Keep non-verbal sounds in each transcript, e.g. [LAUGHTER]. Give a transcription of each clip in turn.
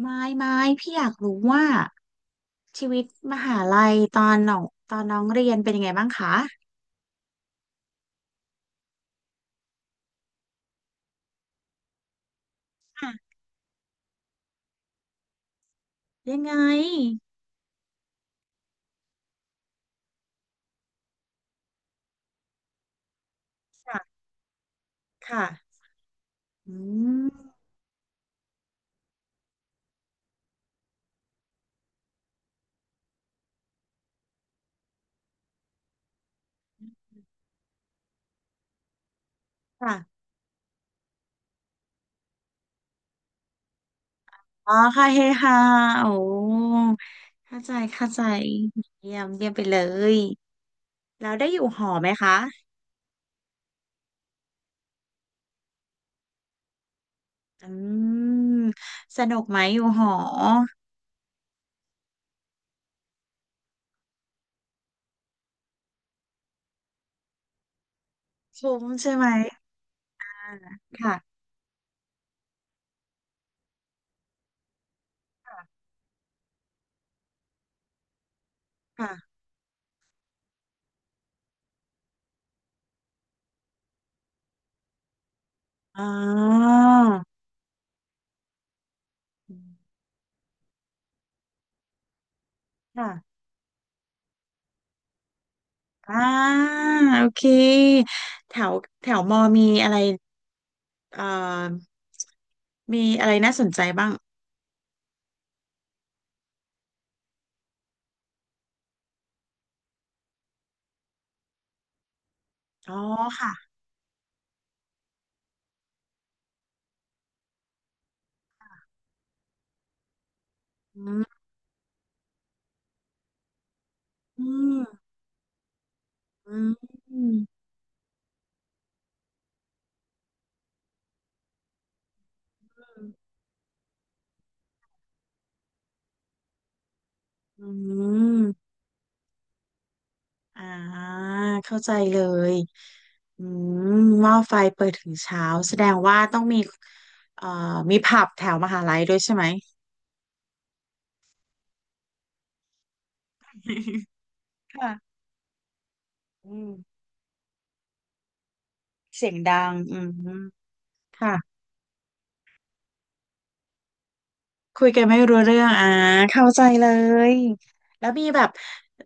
ไม่ไม่พี่อยากรู้ว่าชีวิตมหาลัยตอนน้องตอนน้องเรียนเป็นยังไงบ้างคะค่ะยังไงค่ะค่ะอืมค่ะอ๋อค่ะเฮฮาโอ้เข้าใจเข้าใจเยี่ยมเยี่ยมไปเลยแล้วได้อยู่หอไหมคะอืมสนุกไหมอยู่หอคุ้มใช่ไหมอ่าค่ะค่ะอ๋อค่ะ อ่าโอเคแถวแถวมอมีอะไรเอ่อมีอะไรน่าสนใจบ้างอ๋อค่ะอืมอืมอืมอืมอ่าเข้าใจเลยอืมหม้อไฟเปิดถึงเช้าแสดงว่าต้องมีเอ่อมีผับแถวมหาลัยด้วยใช่ไหม [LAUGHS] ค่ะอืมเสียงดังอืมค่ะ คุยกันไม่รู้เรื่องอ่าเข้าใจเลยแล้วมีแบบ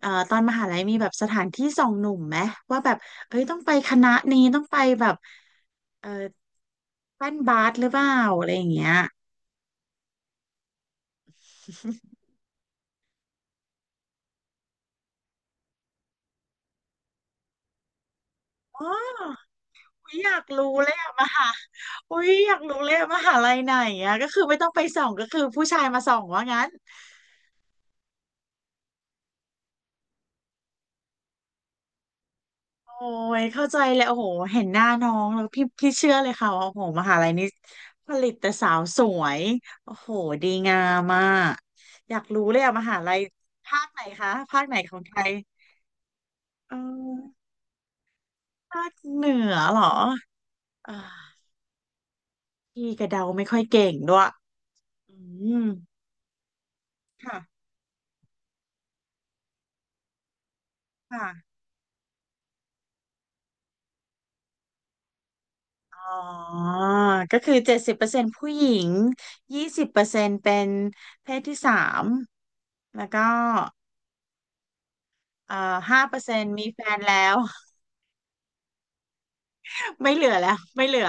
ตอนมหาลัยมีแบบสถานที่ส่องหนุ่มไหมว่าแบบเอ้ยต้องไปคณะนี้ต้องไปแบบเออแป้นบาสหรือเปล่าอะไรอย่างเงี้ยอ๋ออุ๊ยอยากรู้เลยอะมหาอุ้ยอยากรู้เลยอะมหาลัยไหนอะก็คือไม่ต้องไปส่องก็คือผู้ชายมาส่องว่างั้น โอ้ยเข้าใจเลยโอ้โหเห็นหน้าน้องแล้วพี่พี่เชื่อเลยค่ะว่าโอ้โหมหาลัยนี้ผลิตแต่สาวสวยโอ้โหดีงามมากอยากรู้เลยอะมหาลัยภาคไหนคะภาคไหนของไทยเออภาคเหนือเหรออ่าพี่กระเดาไม่ค่อยเก่งด้วยอืมค่ะค่ะอ๋อก็คือ70%ผู้หญิง20%เป็นเพศที่สามแล้วก็เอ่อ5%มีแฟนแล้ว ไม่เหลือแล้วไม่เหลือ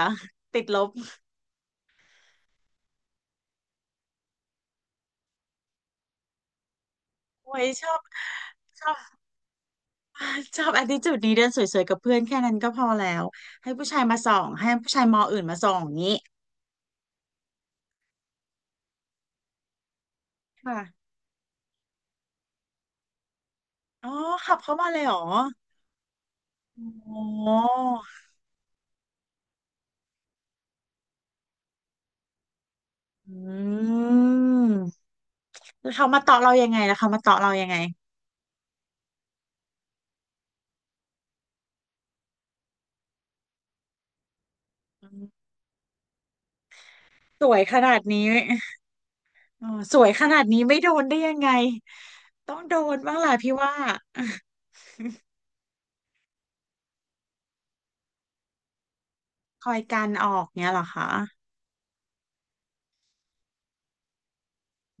ติดลบโอ้ยชอบชอบ [LAUGHS] ชอบattitudeนี้เดินสวยๆกับเพื่อนแค่นั้นก็พอแล้วให้ผู้ชายมาส่องให้ผู้ชายมออื่นมาส่องอย่างนี้ค่ะอ๋อขับเข้ามาเลยเหรออ๋ออืมแล้วเขามาเตาะเรายังไงแล้วเขามาเตาะเรายังไงอืมสวยขนาดนี้อ๋อสวยขนาดนี้ไม่โดนได้ยังไงต้องโดนบ้างแหละพี่ว่า [LAUGHS] คอยกันออกเนี้ยเหรอคะ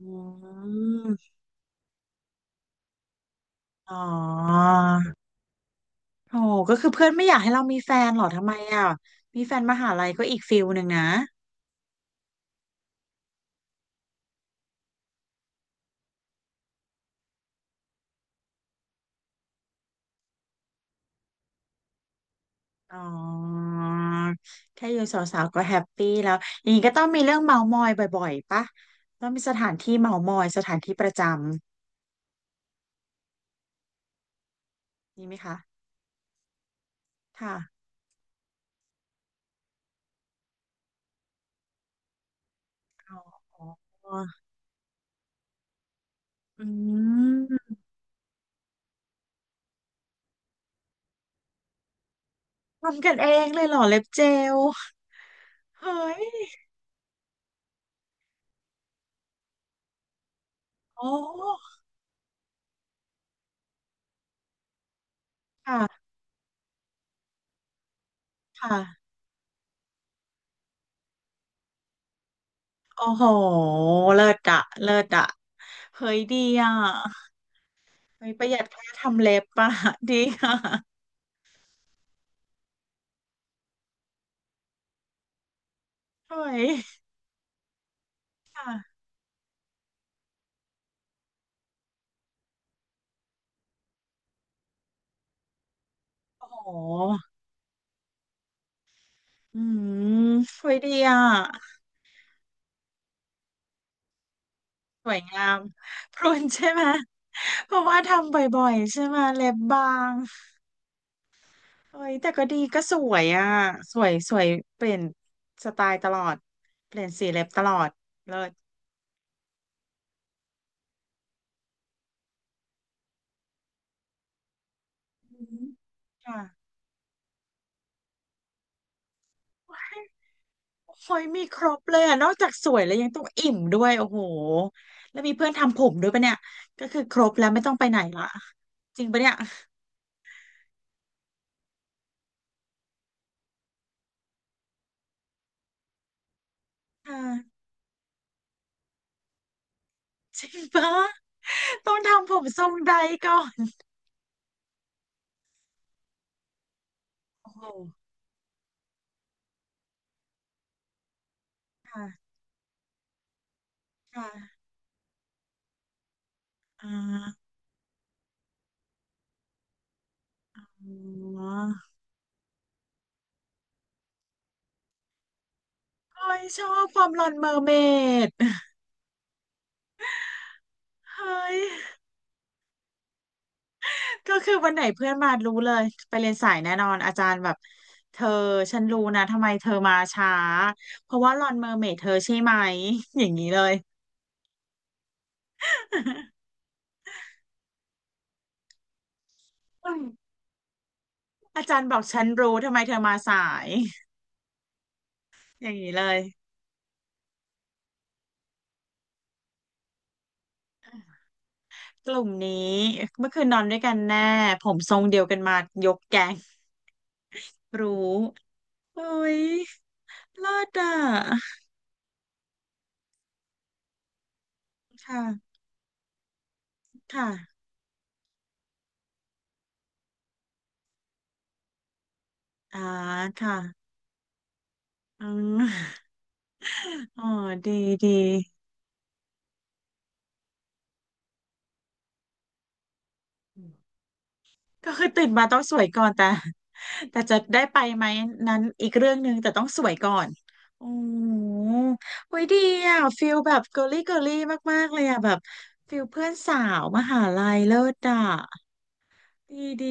อืม อ๋อโอ้ก็คือเพื่อนไม่อยากให้เรามีแฟนเหรอทำไมอ่ะมีแฟนมหาลัยก็อีกฟิลหนึ่งนะอ๋อแค่อยู่สาวๆก็แฮปปี้แล้วอย่างนี้ก็ต้องมีเรื่องเมามอยบ่อยๆปะต้องมีสถานที่เมามอยสถานที่ประจำนี่ไหมคะค่ะอ๋ออืมทำกันเองเลยเหรอเล็บเจลเฮ้ยโอ้ค่ะค่ะโอ้โหเลิศอะเลิศอะเฮ้ยดีอะ เฮ้ยประหยัดค่าทำเล็บปะดีค่ะเฮ้ยค่ะโอ้โหอืมเฮ้ยดีอ่ะสวยงามพรุนใช่ไหมเพราะว่าทำบ่อยๆใช่ไหมเล็บบางเฮ้ยแต่ก็ดีก็สวยอ่ะสวยสวยเปลี่ยนสไตล์ตลอดเปลี่ยนสีเล็บตลอดเลิศอืมค่ะ เฮ้ยมีครบเลยอะนอกจากสวยแล้วยังต้องอิ่มด้วยโอ้โหแล้วมีเพื่อนทำผมด้วยปะเนี่ยก็คือครบแล้วไม่ต้องไปไหนละจริงปะเนี่ยอ่าจริงปะต้องทำผมทรงใดก่อนโอ้โหค่ะค่ะอ่าอ๋อเฮ้ยชอบความหลอนเมอร์เมดเฮ้ยก็คือวันไหนเพื่อนมารู้เลยไปเรียนสายแน่นอนอาจารย์แบบเธอฉันรู้นะทำไมเธอมาช้าเพราะว่าหลอนเมอร์เมดเธอใช่ไหมอย่างนี้เลย อาจารย์บอกฉันรู้ทำไมเธอมาสาย [LAUGHS] อย่างนี้เลยกลุ่มนี้เมื่อคืนนอนด้วยกันแน่ผมทรงเดียวกันมายกแก๊งรู้โอ้ยเลิศอ่ะค่ะค่ะอ่าค่ะอืม [LAUGHS] อ๋อดีดี ก็คือตื่นมาต้องสวยก่อนแต่ [LAUGHS] แต่จะได้ไปไหมนั้นอีกเรื่องหนึ่งแต่ต้องสวยก่อนโอ้โหเฮ้ยดีอ่ะฟิลแบบเกิร์ลลี่เกิร์ลลี่มากๆเลยอ่ะแบบฟิลเพื่อนสาวมหาลัยเลิศอ่ะดีดี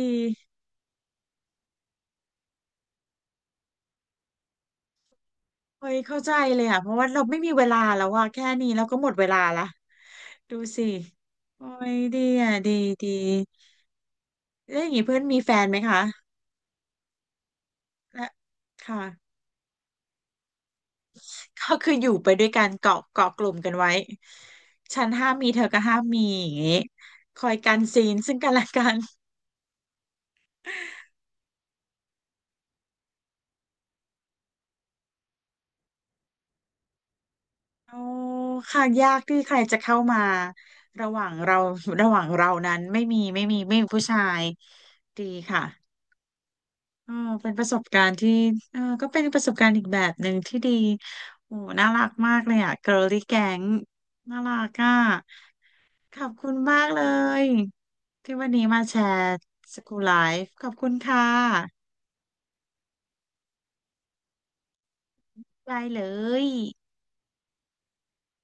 เฮ้ยเข้าใจเลยอ่ะเพราะว่าเราไม่มีเวลาแล้วอ่ะแค่นี้เราก็หมดเวลาละดูสิโอ้ยดีอ่ะดีดีแล้วอย่างนี้เพื่อนมีแฟนไหมคะและค่ะ ก็คืออยู่ไปด้วยกันเกาะเกาะกลุ่มกันไว้ฉันห้ามมีเธอก็ห้ามมีอย่างงี้คอยกันซีนซึ่งกันและกันโอ้ค่ะยากที่ใครจะเข้ามาระหว่างเราระหว่างเรานั้นไม่มีไม่มีไม่มีผู้ชายดีค่ะเออเป็นประสบการณ์ที่เออก็เป็นประสบการณ์อีกแบบหนึ่งที่ดีโอ้น่ารักมากเลยอ่ะ girly gang น่ารักอ่ะ ขอบคุณมากเลยที่วันนี้มาแชร์school ไลฟ์ขอบคุณค่ะได้เลย